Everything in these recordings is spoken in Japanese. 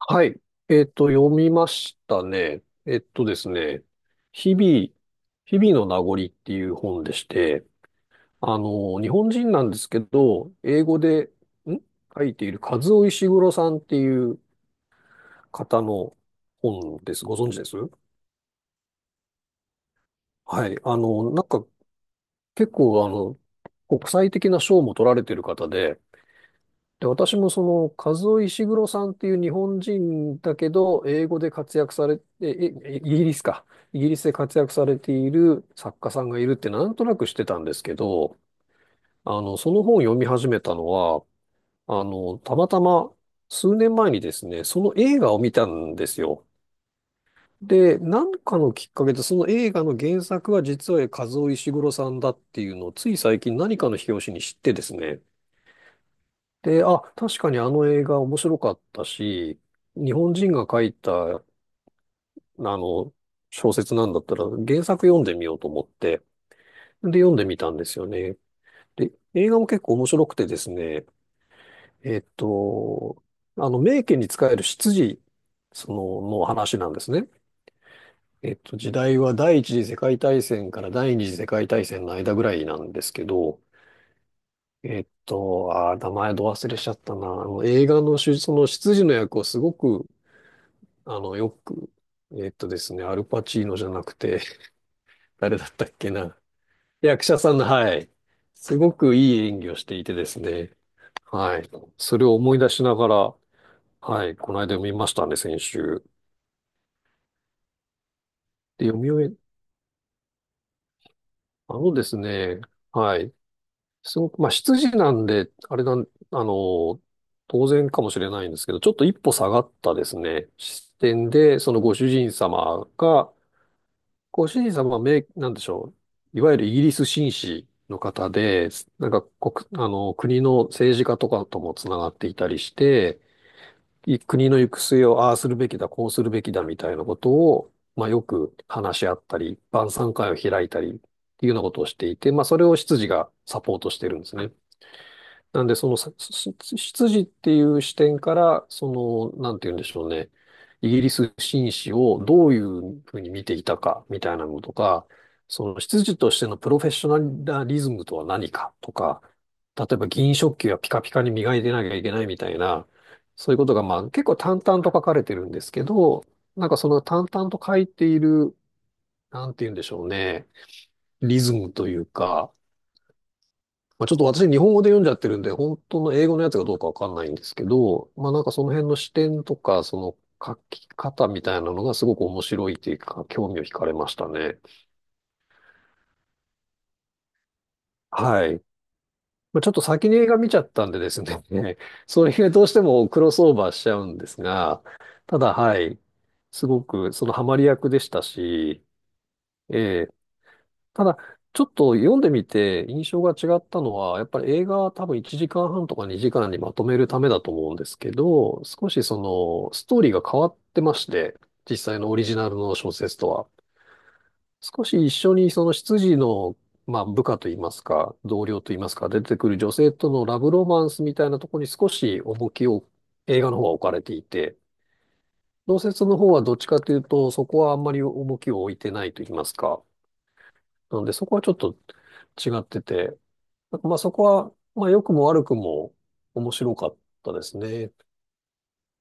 はい。読みましたね。えっとですね。日々、日々の名残っていう本でして、日本人なんですけど、英語で、ん書いているカズオ石黒さんっていう方の本です。ご存知です？はい。なんか結構、国際的な賞も取られてる方で、で、私もカズオ・イシグロさんっていう日本人だけど、英語で活躍されて、イギリスか。イギリスで活躍されている作家さんがいるってなんとなくしてたんですけど、その本を読み始めたのは、たまたま数年前にですね、その映画を見たんですよ。で、なんかのきっかけで、その映画の原作は実はカズオ・イシグロさんだっていうのを、つい最近何かの表紙に知ってですね、で、あ、確かにあの映画面白かったし、日本人が書いた、の、小説なんだったら原作読んでみようと思って、で、読んでみたんですよね。で、映画も結構面白くてですね、えっと、名家に仕える執事、の話なんですね。時代は第一次世界大戦から第二次世界大戦の間ぐらいなんですけど、名前ど忘れしちゃったな。映画のその執事の役をすごくよく、えっとですね、アルパチーノじゃなくて、誰だったっけな。役者さんの、はい。すごくいい演技をしていてですね。はい。それを思い出しながら、はい。この間見ましたね、先週。で、読み終え、あのですね、はい。すごく、まあ、羊なんで、あれなん、あの、当然かもしれないんですけど、ちょっと一歩下がったですね、視点で、ご主人様はなんでしょう。いわゆるイギリス紳士の方で、なんか国の政治家とかともつながっていたりして、国の行く末をああするべきだ、こうするべきだみたいなことを、まあよく話し合ったり、晩餐会を開いたりっていうようなことをしていて、まあそれを執事がサポートしてるんですね。なんで、その、さすす出っていう視点から、なんて言うんでしょうね。イギリス紳士をどういうふうに見ていたか、みたいなのとか、出としてのプロフェッショナリズムとは何かとか、例えば銀食器はピカピカに磨いてなきゃいけないみたいな、そういうことが、まあ、結構淡々と書かれてるんですけど、なんかその淡々と書いている、なんて言うんでしょうね。リズムというか、まあ、ちょっと私日本語で読んじゃってるんで、本当の英語のやつがどうかわかんないんですけど、まあなんかその辺の視点とか、その書き方みたいなのがすごく面白いっていうか、興味を惹かれましたね。はい。まあ、ちょっと先に映画見ちゃったんでですね、それがどうしてもクロスオーバーしちゃうんですが、ただはい、すごくそのハマり役でしたし、えただ、ちょっと読んでみて印象が違ったのは、やっぱり映画は多分1時間半とか2時間にまとめるためだと思うんですけど、少しそのストーリーが変わってまして、実際のオリジナルの小説とは。少し一緒にその執事の、まあ、部下といいますか、同僚といいますか、出てくる女性とのラブロマンスみたいなところに少し重きを映画の方は置かれていて、小説の方はどっちかというと、そこはあんまり重きを置いてないといいますか。なのでそこはちょっと違ってて、なんかまあそこは、まあ良くも悪くも面白かったですね。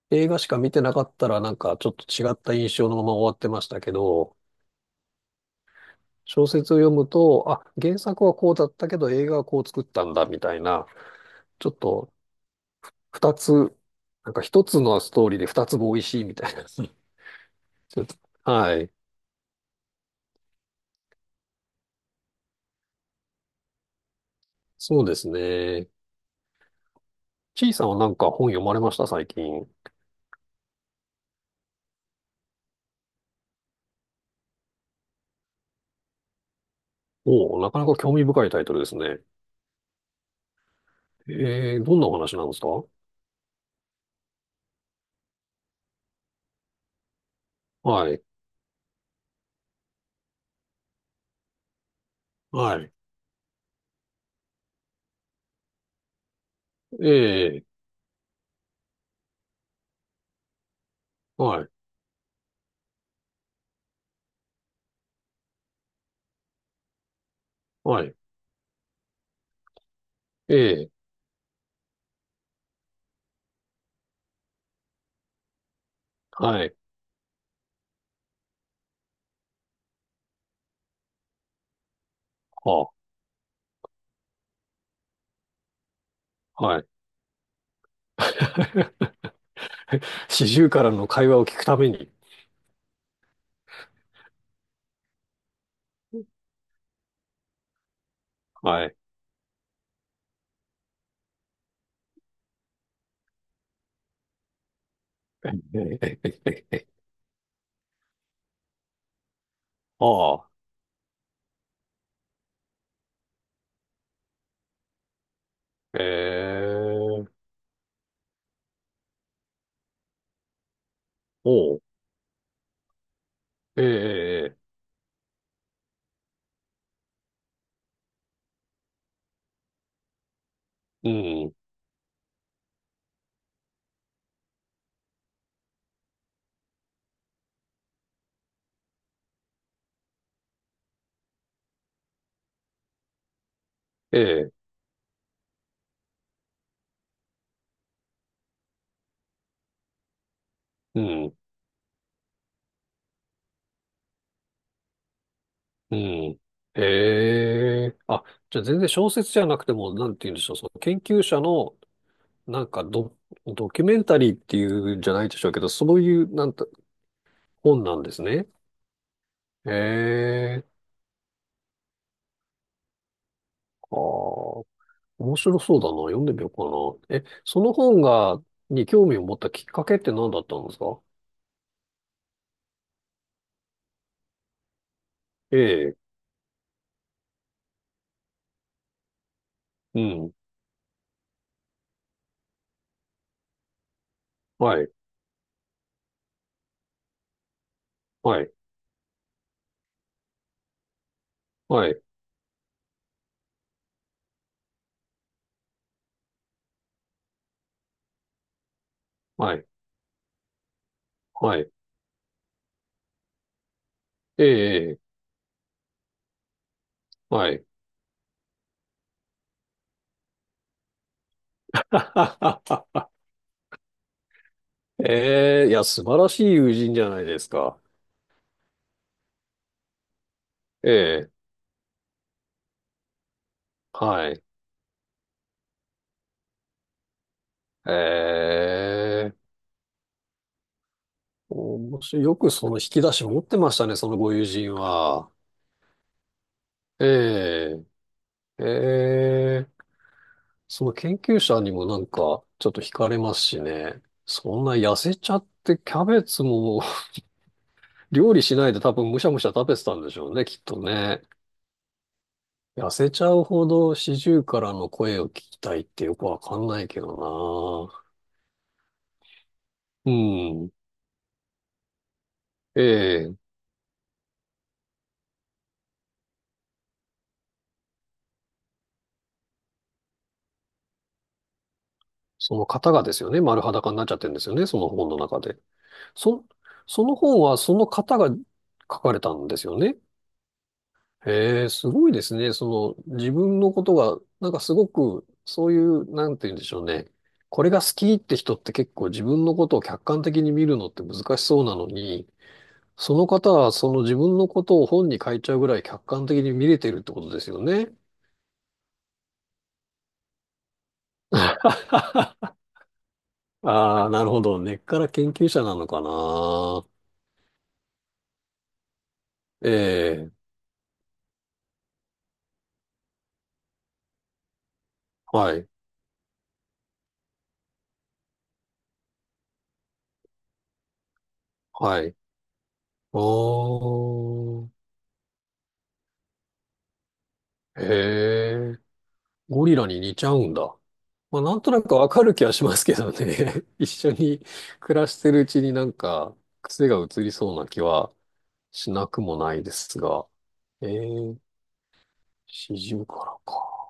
映画しか見てなかったらなんかちょっと違った印象のまま終わってましたけど、小説を読むと、あ、原作はこうだったけど映画はこう作ったんだみたいな、ちょっと二つ、なんか一つのストーリーで二つも美味しいみたいな。ちょっと、はい。そうですね。ちいさんはなんか本読まれました最近？おお、なかなか興味深いタイトルですね。どんなお話なんですか？はい。はい。ええ、はい。はい。ええ。はい。はあ。はい。四十からの会話を聞くために。はい。ええ。ああ。ええ。おう。ええ。ええ。うん。ええ。うん。うん。ええ。あ、じゃあ全然小説じゃなくても、なんて言うんでしょう。その研究者の、なんかドキュメンタリーっていうんじゃないでしょうけど、そういう、なんて、本なんですね。ええ。ああ。面白そうだな。読んでみようかな。え、その本が、に興味を持ったきっかけって何だったんですか？ええ、うん、はい、はい、はい、はい、はい、ええ、はい。ははははええ、いや、素晴らしい友人じゃないですか。ええ、はい。ええ、面白い。よくその引き出し持ってましたね、そのご友人は。ええ、ええ。その研究者にもなんか、ちょっと惹かれますしね。そんな痩せちゃって、キャベツも 料理しないで多分むしゃむしゃ食べてたんでしょうね、きっとね。痩せちゃうほど四十からの声を聞きたいってよくわかんないけどな。うん。ええ。その方がですよね、丸裸になっちゃってるんですよね、その本の中で。そ、その本はその方が書かれたんですよね。へえ、すごいですね。自分のことが、なんかすごく、そういう、なんて言うんでしょうね。これが好きって人って結構自分のことを客観的に見るのって難しそうなのに、その方はその自分のことを本に書いちゃうぐらい客観的に見れてるってことですよね。ああ、なるほど。根っから研究者なのかな。ええ、はい、はい。ああ、へえ。ゴリラに似ちゃうんだ。まあ、なんとなくわかる気はしますけどね。一緒に暮らしてるうちになんか癖が移りそうな気はしなくもないですが。えー、四十からか。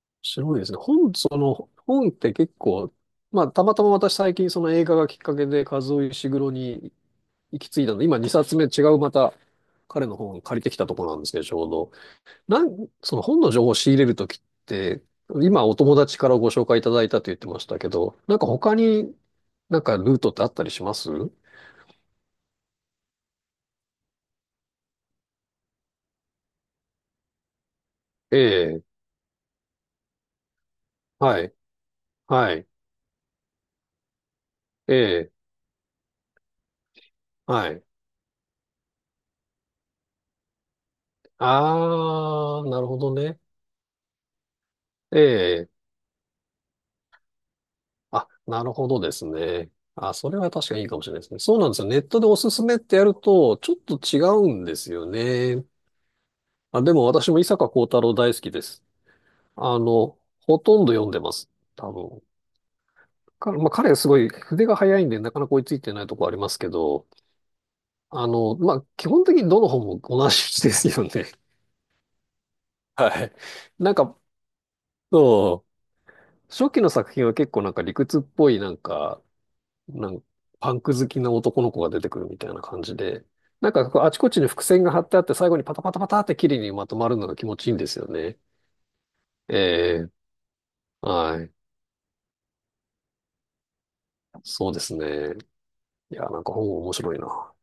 面白いですね。本、その、本って結構、まあ、たまたま私最近その映画がきっかけで和尾石黒に行き着いたので、今2冊目違うまた彼の本借りてきたところなんですけど、ちょうど。その本の情報を仕入れるときって、今お友達からご紹介いただいたと言ってましたけど、なんか他になんかルートってあったりします？ええ、はい、はい、ええ、はい。あー、なるほどね。ええ、あ、なるほどですね。あ、それは確かにいいかもしれないですね。そうなんですよ。ネットでおすすめってやると、ちょっと違うんですよね。あ、でも私も伊坂幸太郎大好きです。ほとんど読んでます。多分。まあ、彼はすごい筆が早いんで、なかなか追いついてないとこありますけど、まあ、基本的にどの本も同じですよね。はい。なんか、そう、初期の作品は結構なんか理屈っぽい、なんかパンク好きな男の子が出てくるみたいな感じで、なんかこうあちこちに伏線が張ってあって、最後にパタパタパタって綺麗にまとまるのが気持ちいいんですよね。ええ、はい。そうですね。いや、なんか本面白いな。